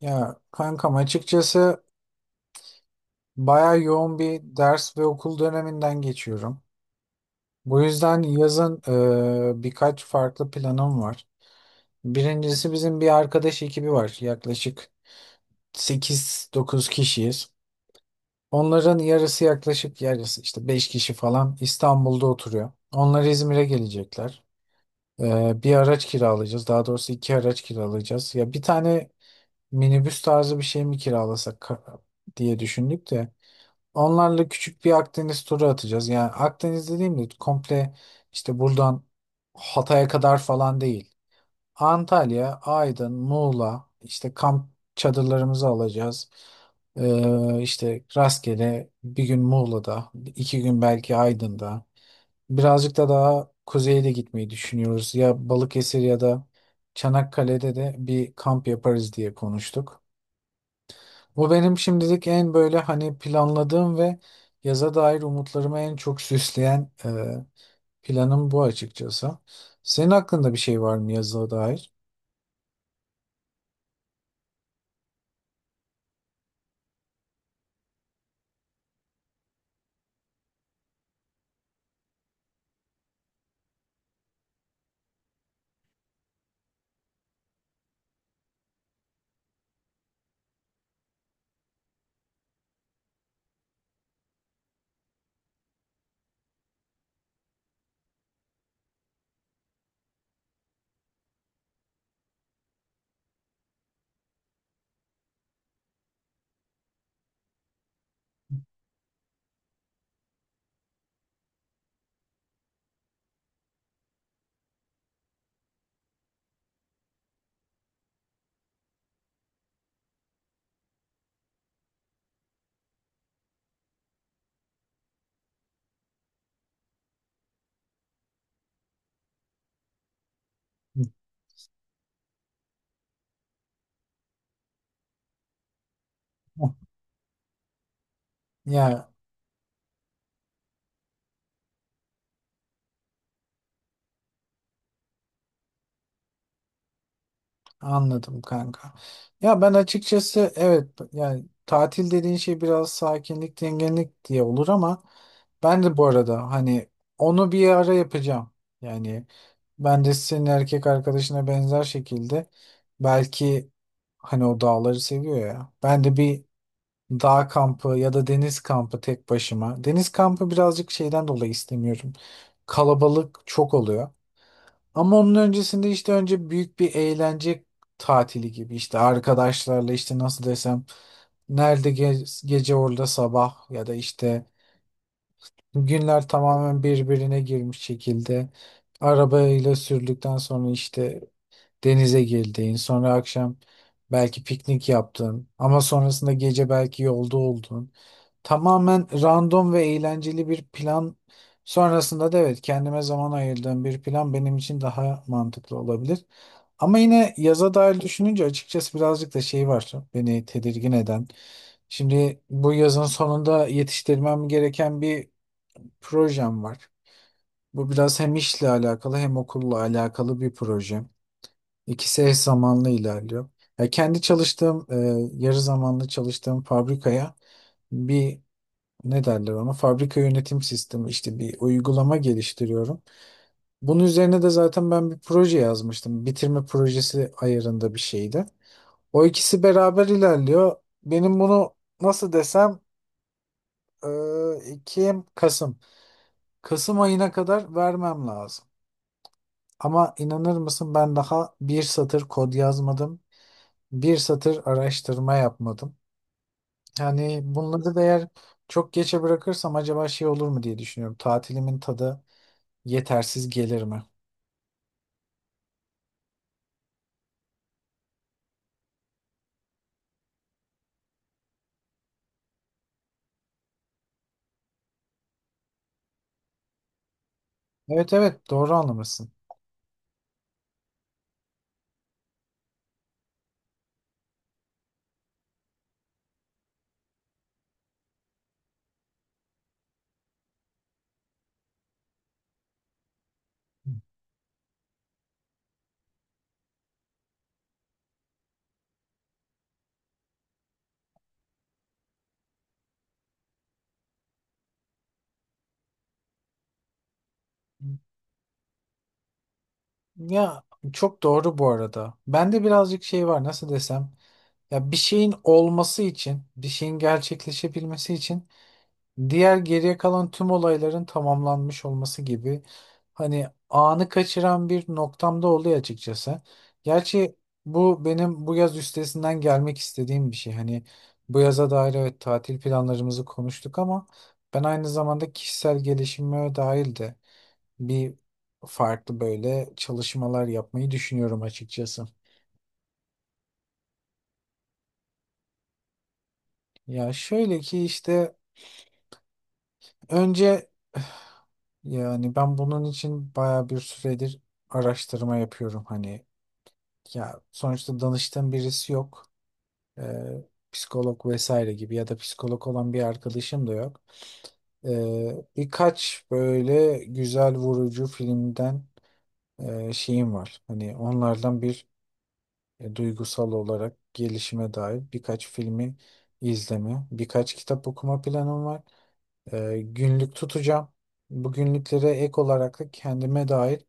Ya kankam, açıkçası bayağı yoğun bir ders ve okul döneminden geçiyorum. Bu yüzden yazın birkaç farklı planım var. Birincisi, bizim bir arkadaş ekibi var. Yaklaşık 8-9 kişiyiz. Onların yarısı, yaklaşık yarısı işte 5 kişi falan İstanbul'da oturuyor. Onlar İzmir'e gelecekler. Bir araç kiralayacağız. Daha doğrusu iki araç kiralayacağız. Ya bir tane minibüs tarzı bir şey mi kiralasak diye düşündük de. Onlarla küçük bir Akdeniz turu atacağız. Yani Akdeniz dediğimde komple işte buradan Hatay'a kadar falan değil. Antalya, Aydın, Muğla, işte kamp çadırlarımızı alacağız. İşte rastgele bir gün Muğla'da, iki gün belki Aydın'da. Birazcık da daha kuzeye de gitmeyi düşünüyoruz. Ya Balıkesir ya da Çanakkale'de de bir kamp yaparız diye konuştuk. Bu benim şimdilik en böyle hani planladığım ve yaza dair umutlarımı en çok süsleyen planım bu, açıkçası. Senin hakkında bir şey var mı yaza dair? Hı. Ya anladım kanka. Ya ben açıkçası, evet, yani tatil dediğin şey biraz sakinlik, dinginlik diye olur ama ben de bu arada hani onu bir ara yapacağım. Yani ben de senin erkek arkadaşına benzer şekilde belki, hani o dağları seviyor ya, ben de bir dağ kampı ya da deniz kampı tek başıma. Deniz kampı birazcık şeyden dolayı istemiyorum. Kalabalık çok oluyor. Ama onun öncesinde işte önce büyük bir eğlence tatili gibi, işte arkadaşlarla, işte nasıl desem, nerede gece orada sabah, ya da işte günler tamamen birbirine girmiş şekilde arabayla sürdükten sonra, işte denize girdiğin, sonra akşam belki piknik yaptın, ama sonrasında gece belki yolda oldun. Tamamen random ve eğlenceli bir plan. Sonrasında da evet, kendime zaman ayırdığım bir plan benim için daha mantıklı olabilir. Ama yine yaza dair düşününce açıkçası birazcık da şey var beni tedirgin eden. Şimdi bu yazın sonunda yetiştirmem gereken bir projem var. Bu biraz hem işle alakalı hem okulla alakalı bir proje. İkisi eş zamanlı ilerliyor. Ya kendi çalıştığım, yarı zamanlı çalıştığım fabrikaya bir, ne derler ona, fabrika yönetim sistemi, işte bir uygulama geliştiriyorum. Bunun üzerine de zaten ben bir proje yazmıştım. Bitirme projesi ayarında bir şeydi. O ikisi beraber ilerliyor. Benim bunu nasıl desem, e, Ekim, Kasım. Kasım ayına kadar vermem lazım. Ama inanır mısın, ben daha bir satır kod yazmadım, bir satır araştırma yapmadım. Yani bunları da eğer çok geçe bırakırsam acaba şey olur mu diye düşünüyorum. Tatilimin tadı yetersiz gelir mi? Evet, evet, doğru anlamışsın. Ya çok doğru bu arada. Bende birazcık şey var, nasıl desem. Ya bir şeyin olması için, bir şeyin gerçekleşebilmesi için diğer geriye kalan tüm olayların tamamlanmış olması gibi, hani anı kaçıran bir noktamda oluyor açıkçası. Gerçi bu benim bu yaz üstesinden gelmek istediğim bir şey. Hani bu yaza dair evet tatil planlarımızı konuştuk ama ben aynı zamanda kişisel gelişime dair de bir farklı böyle çalışmalar yapmayı düşünüyorum açıkçası. Ya şöyle ki, işte önce yani ben bunun için baya bir süredir araştırma yapıyorum. Hani ya, sonuçta danıştığım birisi yok. Psikolog vesaire gibi, ya da psikolog olan bir arkadaşım da yok. Birkaç böyle güzel vurucu filmden şeyim var. Hani onlardan bir, duygusal olarak gelişime dair birkaç filmi izleme, birkaç kitap okuma planım var. Günlük tutacağım. Bu günlüklere ek olarak da kendime dair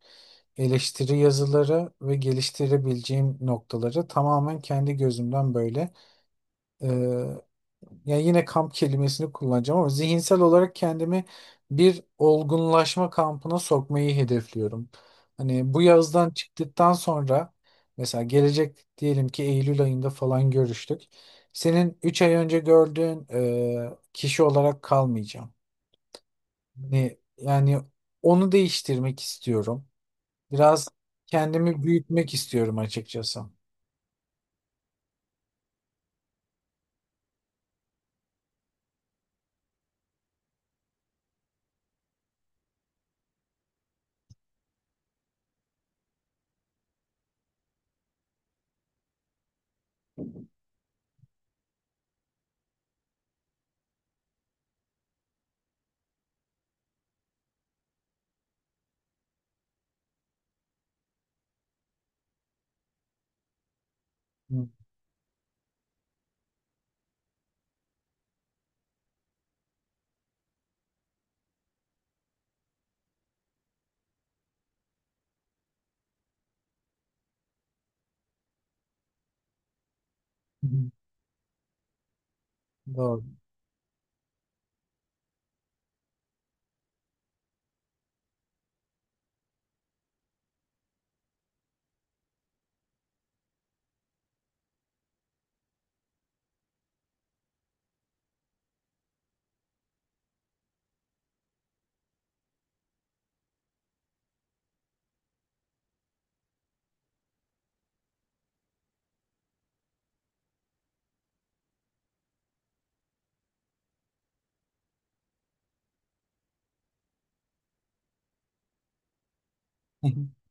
eleştiri yazıları ve geliştirebileceğim noktaları tamamen kendi gözümden böyle, e, ya yine kamp kelimesini kullanacağım ama zihinsel olarak kendimi bir olgunlaşma kampına sokmayı hedefliyorum. Hani bu yazdan çıktıktan sonra, mesela gelecek diyelim ki Eylül ayında falan görüştük. Senin 3 ay önce gördüğün kişi olarak kalmayacağım. Hani yani onu değiştirmek istiyorum. Biraz kendimi büyütmek istiyorum, açıkçası. Hı hı. Doğru.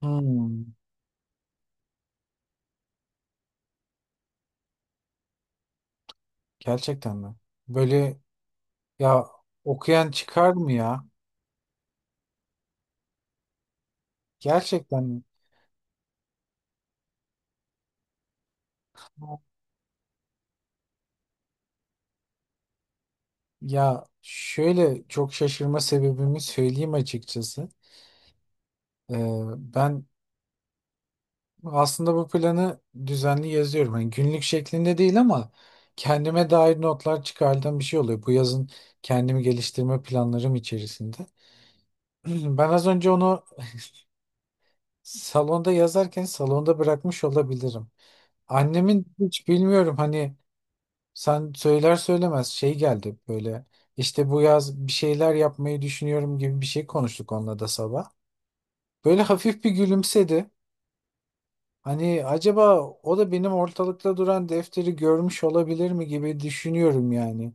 Hmm, gerçekten mi? Böyle, ya, okuyan çıkar mı ya? Gerçekten mi? Ya şöyle, çok şaşırma sebebimi söyleyeyim açıkçası. Ee, Ben aslında bu planı düzenli yazıyorum. Hani günlük şeklinde değil ama kendime dair notlar çıkardığım bir şey oluyor. Bu yazın kendimi geliştirme planlarım içerisinde. Ben az önce onu salonda yazarken salonda bırakmış olabilirim. Annemin hiç bilmiyorum, hani sen söyler söylemez şey geldi böyle. İşte bu yaz bir şeyler yapmayı düşünüyorum gibi bir şey konuştuk onunla da sabah. Böyle hafif bir gülümsedi. Hani acaba o da benim ortalıkta duran defteri görmüş olabilir mi gibi düşünüyorum yani.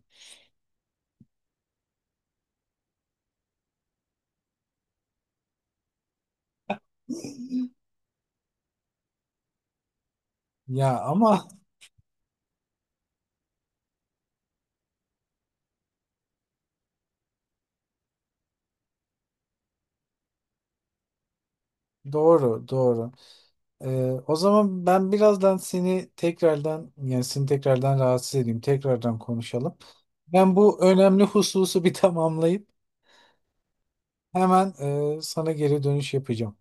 Ya ama doğru, doğru. Ee, O zaman ben birazdan seni tekrardan, yani seni tekrardan rahatsız edeyim. Tekrardan konuşalım. Ben bu önemli hususu bir tamamlayıp hemen sana geri dönüş yapacağım.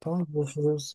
Tamam, görüşürüz.